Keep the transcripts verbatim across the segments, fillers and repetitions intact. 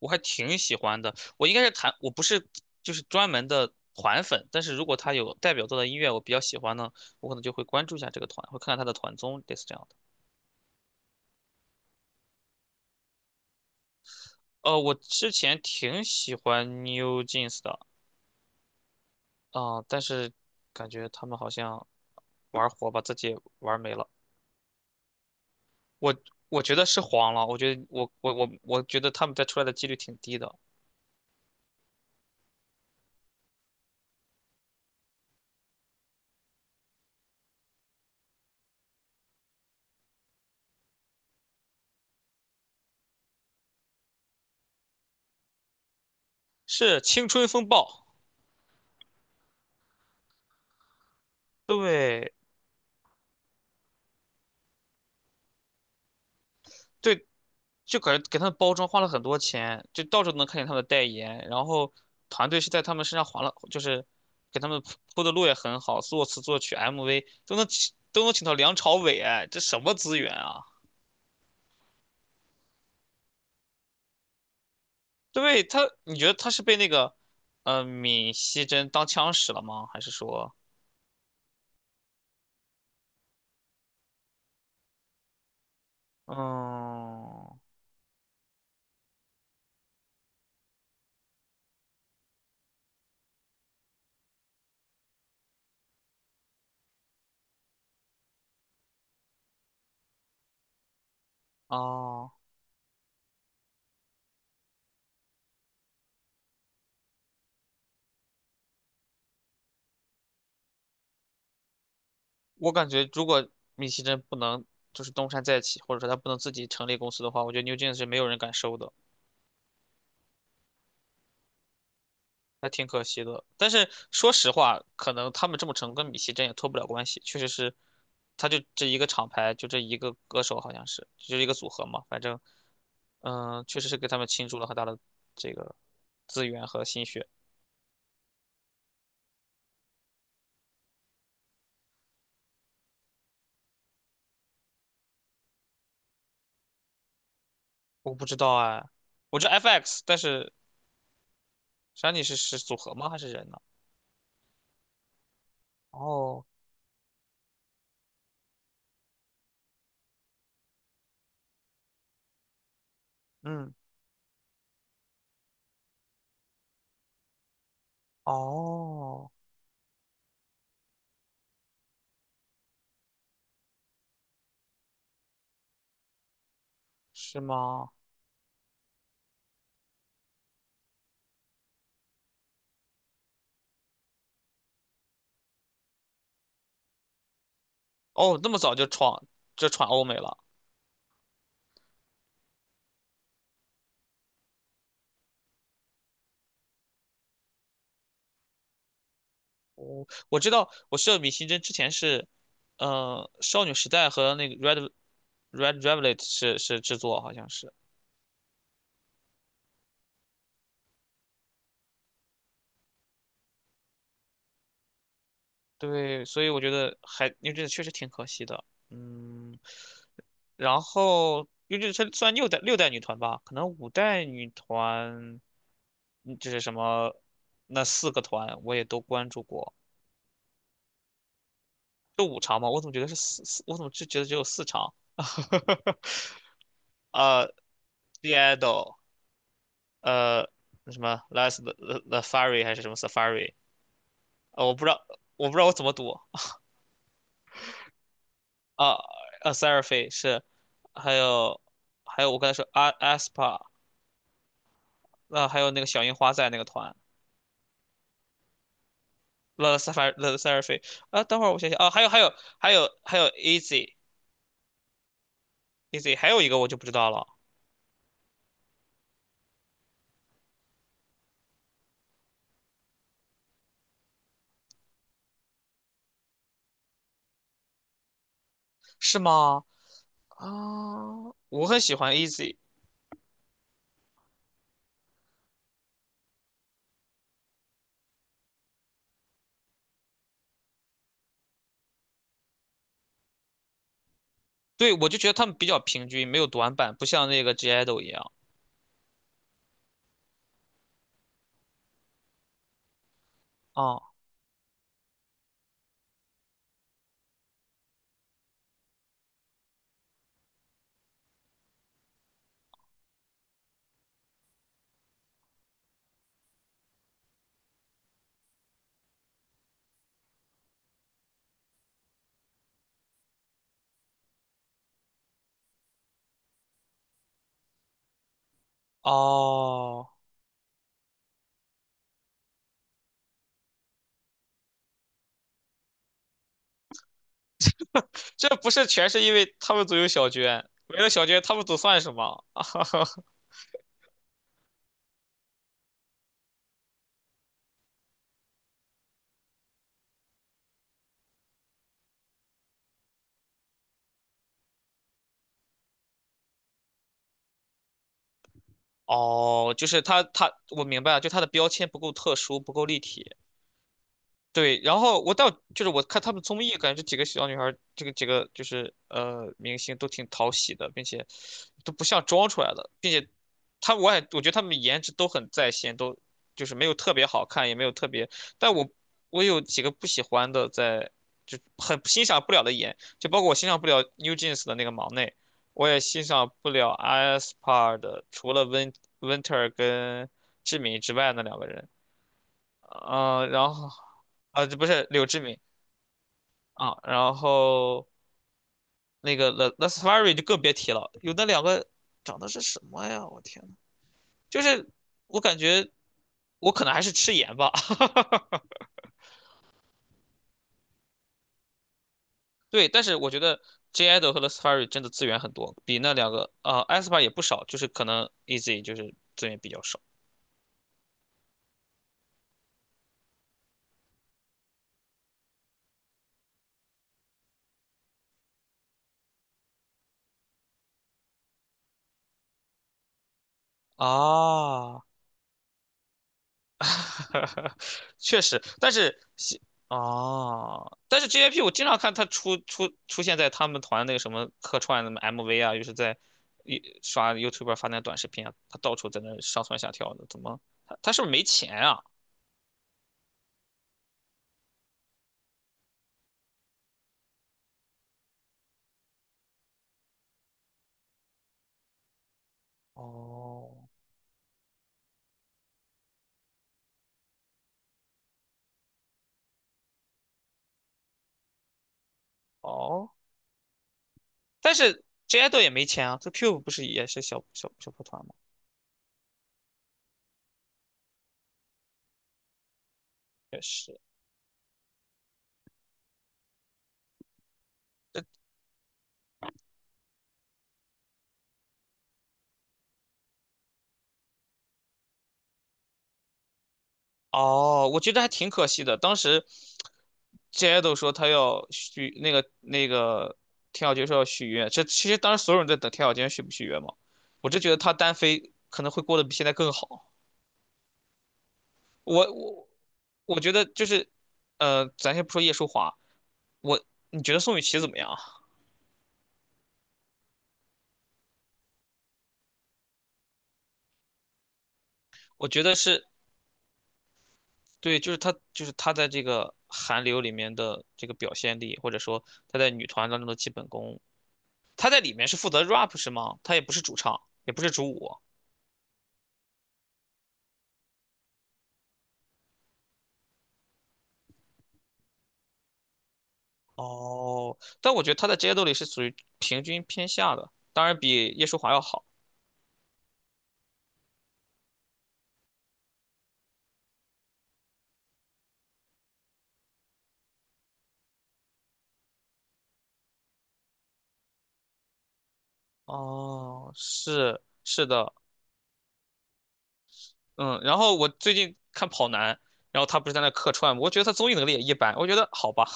我还挺喜欢的。我应该是弹，我不是就是专门的团粉，但是如果他有代表作的音乐我比较喜欢呢，我可能就会关注一下这个团，会看看他的团综，类似这样的。呃，我之前挺喜欢 New Jeans 的啊、呃但是感觉他们好像玩火把自己玩没了。我我觉得是黄了，我觉得我我我我觉得他们再出来的几率挺低的。是青春风暴，对对，就感觉给他们包装花了很多钱，就到处都能看见他们的代言，然后团队是在他们身上划了，就是给他们铺铺的路也很好，作词作曲 M V 都能请都能请到梁朝伟，哎，这什么资源啊？对他，你觉得他是被那个呃闵熙珍当枪使了吗？还是说，嗯，哦，我感觉如果闵熙珍不能就是东山再起，或者说他不能自己成立公司的话，我觉得牛 e 是没有人敢收的。还挺可惜的。但是说实话，可能他们这么成功跟米奇真也脱不了关系，确实是，他就这一个厂牌，就这一个歌手，好像是，就是一个组合嘛，反正，嗯，确实是给他们倾注了很大的这个资源和心血。我不知道哎，我知道 F X,但是山里是是组合吗？还是人呢？哦，嗯，哦，是吗？哦，那么早就闯就闯欧美了。我我知道，我知道米星针之前是，呃，少女时代和那个 Red Red Velvet 是是制作，好像是。对，所以我觉得还因为这个确实挺可惜的。嗯，然后优质它算六代六代女团吧，可能五代女团，嗯就是什么那四个团我也都关注过，就五场嘛，我怎么觉得是四四，我怎么就觉得只有四场？呃 d i d o 呃，什么 Las t the h t Safari 还是什么 Safari?呃，我不知道，我不知道我怎么读啊呃 s a r f i 是，还有还有我刚才说 A Aspa,那呃还有那个小樱花在那个团 t h e Safari t h e s a r f i 啊，等会儿我想想啊，还有还有还有还有 Easy Easy,还有一个我就不知道了，是吗？啊，我很喜欢 Easy。对，我就觉得他们比较平均，没有短板，不像那个 g idol 一样啊，哦。这不是全是因为他们组有小娟，没了小娟，他们组算什么？哦，就是他他，我明白了，就他的标签不够特殊，不够立体。对，然后我到就是我看他们综艺，感觉这几个小女孩儿这个几个就是呃明星都挺讨喜的，并且都不像装出来的，并且她我也我觉得她们颜值都很在线，都就是没有特别好看，也没有特别，但我我有几个不喜欢的在，就很欣赏不了的颜，就包括我欣赏不了 NewJeans 的那个忙内，我也欣赏不了 a s p a 的，除了温 Winter 跟志敏之外那两个人。啊、然后啊，这不是柳志敏啊，然后那个 La La s f a r i 就更别提了，有那两个长得是什么呀？我天呐，就是我感觉我可能还是吃盐吧，对，但是我觉得 J i d o 和 La s f a r i 真的资源很多，比那两个啊 a s p a 也不少，就是可能 Easy 就是资源比较少啊。确实，但是西哦，但是 J Y P 我经常看他出出出现在他们团那个什么客串的 M V 啊，又是在一刷 YouTube 发那短视频啊，他到处在那上蹿下跳的，怎么他他是不是没钱啊？哦哦，但是 J idol 也没钱啊，这 Cube 不是也是小小小破团吗？也是。这哦，我觉得还挺可惜的。当时 j 都说他要许那个那个田小娟说要续约，这其实当时所有人都在等田小娟续不续约嘛。我就觉得他单飞可能会过得比现在更好。我我我觉得就是，呃，咱先不说叶舒华，我你觉得宋雨琦怎么样啊？我觉得是对，就是她就是她在这个韩流里面的这个表现力，或者说她在女团当中的基本功，她在里面是负责 rap 是吗？她也不是主唱，也不是主舞。哦，但我觉得他在职业斗里是属于平均偏下的，当然比叶舒华要好。哦，是是的，嗯，然后我最近看跑男，然后他不是在那客串吗我觉得他综艺能力也一般，我觉得好吧，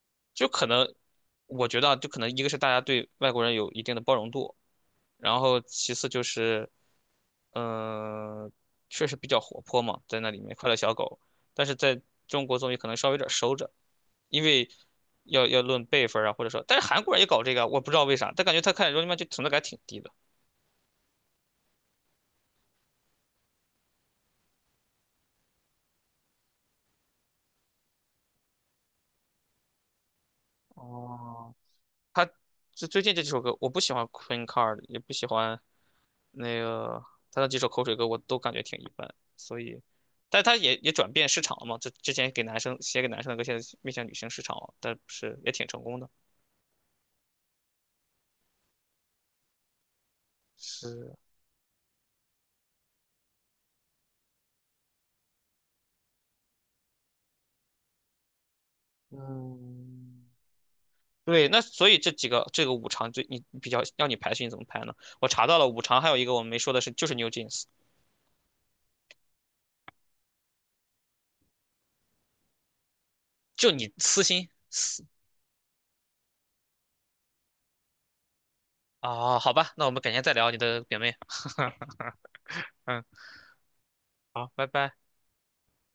就可能，我觉得啊就可能一个是大家对外国人有一定的包容度，然后其次就是，嗯、确实比较活泼嘛，在那里面快乐小狗，但是在中国综艺可能稍微有点收着，因为要要论辈分啊，或者说，但是韩国人也搞这个啊我不知道为啥，但感觉他看《r u n n i 就存在感挺低的。哦，他就最近这几首歌，我不喜欢 Queen Card,也不喜欢那个他那几首口水歌，我都感觉挺一般。所以，但他也也转变市场了嘛，就之前给男生写给男生的歌，现在面向女性市场了，但是也挺成功的。是，嗯，对，那所以这几个这个五常就你比较要你排序，你怎么排呢？我查到了五常，还有一个我们没说的是，就是 New Jeans,就你私心私啊、好吧，那我们改天再聊你的表妹，嗯，好，拜拜。